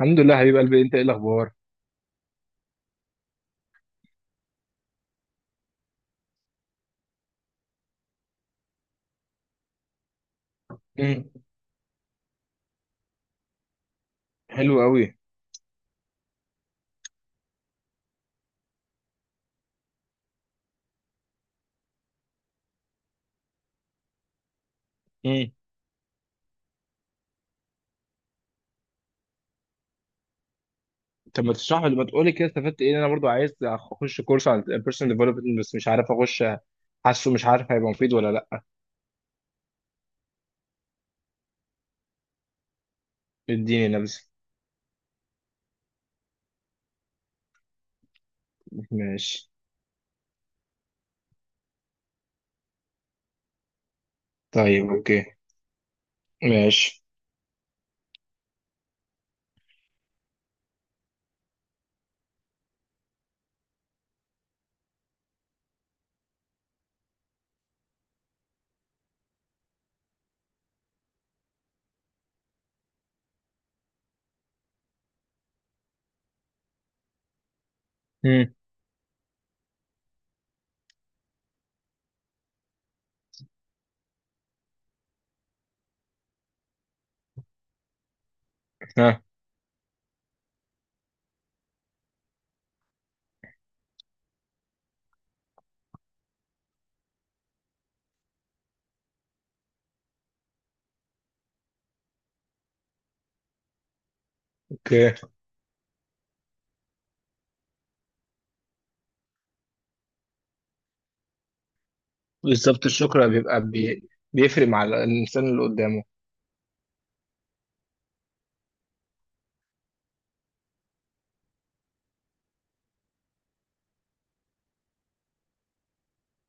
الحمد لله حبيب قلبي، انت ايه الاخبار؟ امم. حلو قوي. امم. طب ما تقول لي كده استفدت ايه؟ انا برضو عايز اخش كورس عن البيرسونال ديفلوبمنت بس مش عارف اخش. حاسه مش عارف هيبقى مفيد ولا لا. اديني نبذه. ماشي. طيب اوكي. ماشي. امم. ها. اوكي. بالظبط الشكر بيبقى بيفرق مع الانسان اللي قدامه.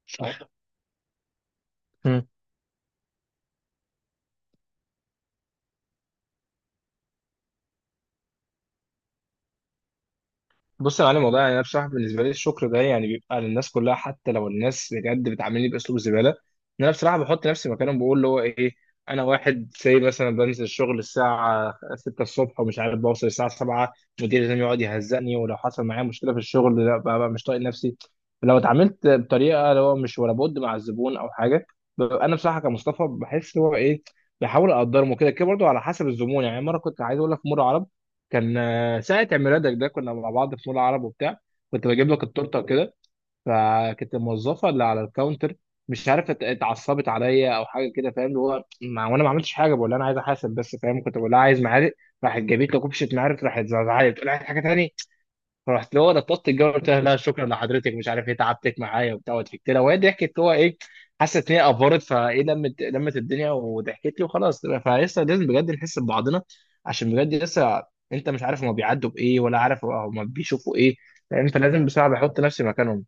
صح. بص يا معلم، والله يعني انا بصراحه بالنسبه لي الشكر ده يعني بيبقى للناس كلها، حتى لو الناس بجد بتعاملني باسلوب زباله. ان انا بصراحه بحط نفسي مكانهم، بقول اللي هو ايه، انا واحد زي مثلا بنزل الشغل الساعه 6 الصبح ومش عارف بوصل الساعه 7، مديري لازم يقعد يهزقني؟ ولو حصل معايا مشكله في الشغل لا، ببقى مش طايق نفسي. لو اتعاملت بطريقه اللي هو مش ولا بد مع الزبون او حاجه، ببقى انا بصراحه كمصطفى بحس اللي هو ايه، بحاول اقدرهم وكده كده برضه على حسب الزبون. يعني مره كنت عايز اقول لك، مره عرب كان ساعة عيد ميلادك ده كنا مع بعض في مول عرب وبتاع، كنت بجيب لك التورتة وكده. فكانت الموظفة اللي على الكاونتر مش عارف اتعصبت عليا او حاجة كده. فاهم؟ اللي هو ما وانا ما عملتش حاجة، بقول لها انا عايز احاسب بس، فاهم؟ كنت بقول لها عايز معالق، راحت جابت لي كوبشة معالق، راحت زعزعت تقول لها عايز حاجة تانية. فرحت له انا طلبت الجو، قلت لها لا شكرا لحضرتك، مش عارف ايه تعبتك معايا وبتاع. وضحكت لها وهي ضحكت، هو ايه حست ان هي افورت فايه، لمت لمت الدنيا وضحكت لي وخلاص. فلسه لازم بجد نحس ببعضنا، عشان بجد لسه انت مش عارف هما بيعدوا بايه ولا عارف هما بيشوفوا ايه. فانت لازم بسرعه بحط نفسي مكانهم.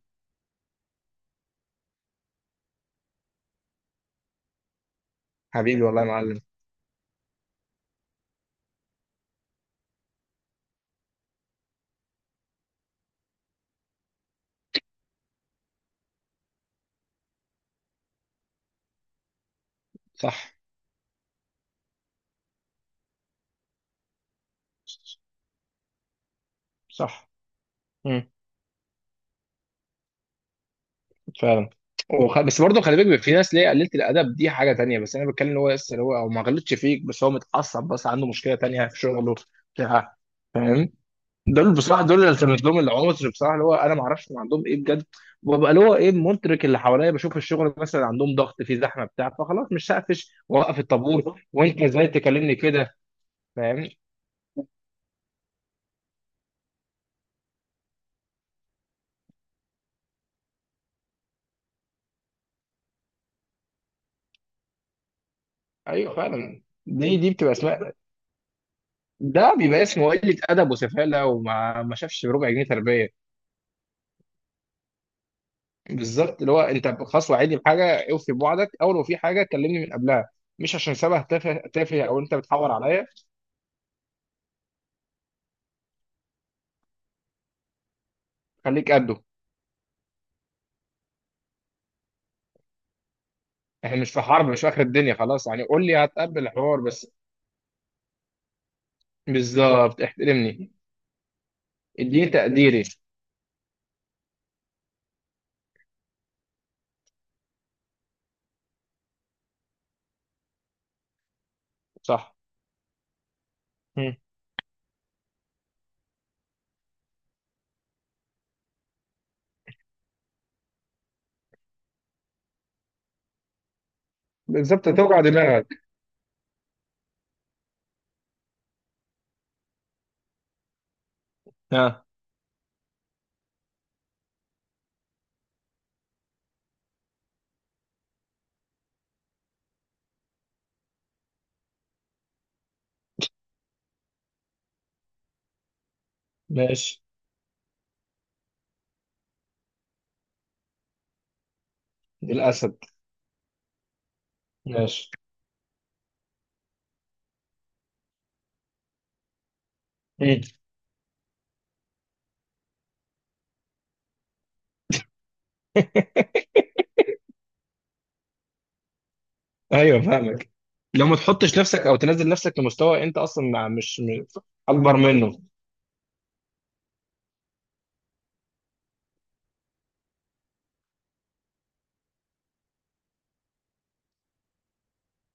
حبيبي والله يا معلم. صح. صح فعلا. بس برضه خلي بالك بيبقى في ناس ليه قليلة الأدب، دي حاجة تانية. بس أنا بتكلم إن هو لسه اللي هو أو ما غلطش فيك بس هو متعصب، بس عنده مشكلة تانية في شغله بتاع فاهم؟ دول بصراحة، دول اللي التمس لهم العذر بصراحة، اللي هو أنا ما أعرفش هم عندهم إيه بجد. وببقى اللي هو إيه مدرك اللي حواليا، بشوف الشغل مثلا عندهم ضغط في زحمة بتاع فخلاص مش هقفش وأوقف الطابور وأنت إزاي تكلمني كده؟ فاهم؟ أيوه فعلا. دي بتبقى اسمها. ده بيبقى اسمه قلة أدب وسفالة وما ما شافش بربع جنيه تربية. بالظبط، اللي هو انت خلاص وعدني بحاجه، اوفي بوعدك او لو في حاجه كلمني من قبلها. مش عشان سبه تافه تافه، او انت بتحور عليا. خليك قده. احنا مش في حرب، مش في اخر الدنيا، خلاص يعني قول لي، هتقبل الحوار بس. بالظبط احترمني. اديني تقديري. صح. مم. بالظبط، توجع دماغك. اه ماشي. الاسد. ماشي. مم. ايوه فاهمك. لو ما تحطش نفسك او تنزل نفسك لمستوى انت اصلا مش اكبر منه.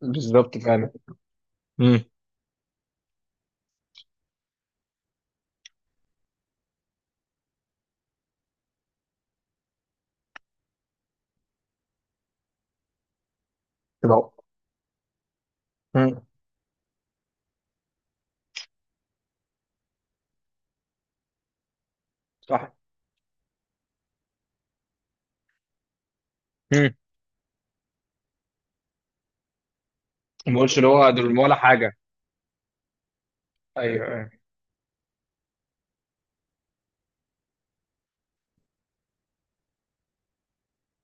بالظبط فعلا. مم. تبقى. مم. صح. مم. ما بقولش اللي هو دول ولا حاجه. ايوه أيوة.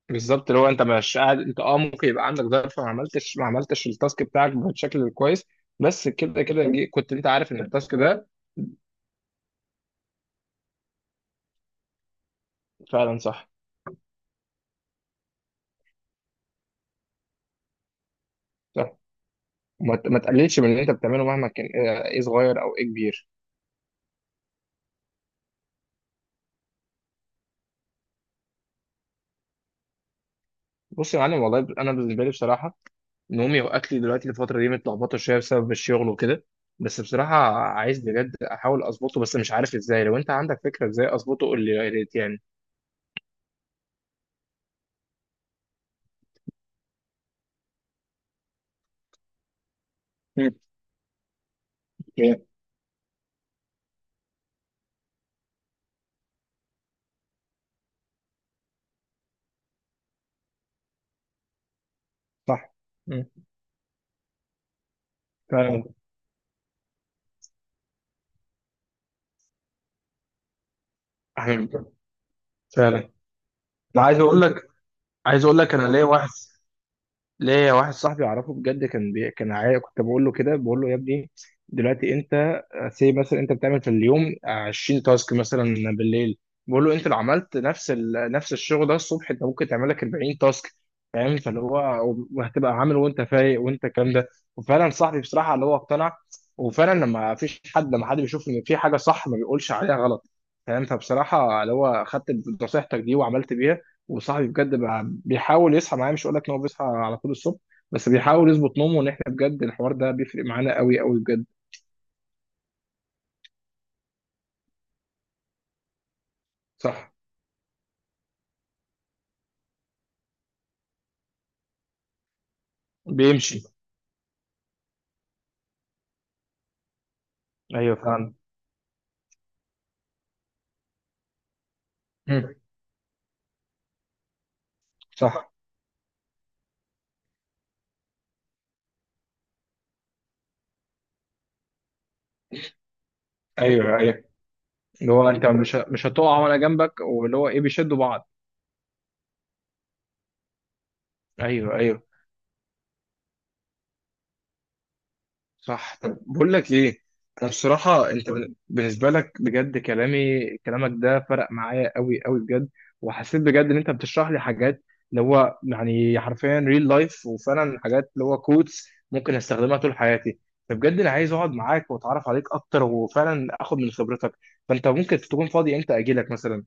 بالظبط، اللي هو انت مش قاعد انت اه، ممكن يبقى عندك ظرف ما عملتش التاسك بتاعك بشكل كويس. بس كده كده كنت انت عارف ان التاسك ده. فعلا صح. صح، ما تقللش من اللي انت بتعمله مهما كان ايه، إيه صغير او ايه كبير. بص يا معلم، والله انا بالنسبه لي بصراحه نومي واكلي دلوقتي الفتره دي متلخبطه شويه بسبب الشغل وكده. بس بصراحه عايز بجد احاول اظبطه، بس مش عارف ازاي. لو انت عندك فكره ازاي اظبطه قول لي يا ريت يعني. مم. صح. مم. فعلا. احنا. فعلا انا عايز اقول لك. عايز اقول لك، انا ليا واحد، ليا واحد صاحبي اعرفه بجد كان كان عايق. كنت بقول له كده، بقول له يا ابني دلوقتي انت سي مثلا انت بتعمل في اليوم 20 تاسك مثلا بالليل. بقول له انت لو عملت نفس الشغل ده الصبح انت ممكن تعمل لك 40 تاسك. فاهم؟ فاللي هو وهتبقى عامل وانت فايق وانت الكلام ده. وفعلا صاحبي بصراحه اللي هو اقتنع. وفعلا لما حد بيشوف ان في حاجه صح ما بيقولش عليها غلط. فاهم؟ فبصراحه اللي هو خدت نصيحتك دي وعملت بيها. وصاحبي بجد بيحاول يصحى معايا، مش هقول لك ان هو بيصحى على طول الصبح بس بيحاول يظبط نومه. ان احنا بجد الحوار ده بيفرق معانا قوي قوي بجد. صح. بيمشي. ايوه فعلا. مم. صح. ايوه ايوه. اللي هو انت مش هتقع وانا جنبك، واللي هو ايه بيشدوا بعض. ايوه ايوه. صح، طب بقول لك ايه. انا بصراحه انت بالنسبه لك بجد كلامي كلامك ده فرق معايا قوي قوي بجد. وحسيت بجد ان انت بتشرح لي حاجات اللي هو يعني حرفيا ريل لايف، وفعلا حاجات اللي هو كوتس ممكن استخدمها طول حياتي. فبجد انا عايز اقعد معاك واتعرف عليك اكتر وفعلا اخد من خبرتك. فانت ممكن تكون فاضي امتى اجي لك مثلا؟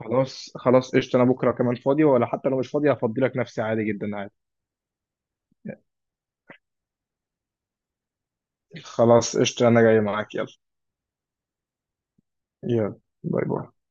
خلاص خلاص قشطه، انا بكره كمان فاضي، ولا حتى لو مش فاضي هفضي لك نفسي عادي جدا عادي. خلاص قشطه انا جاي معاك، يلا. يلا. باي باي.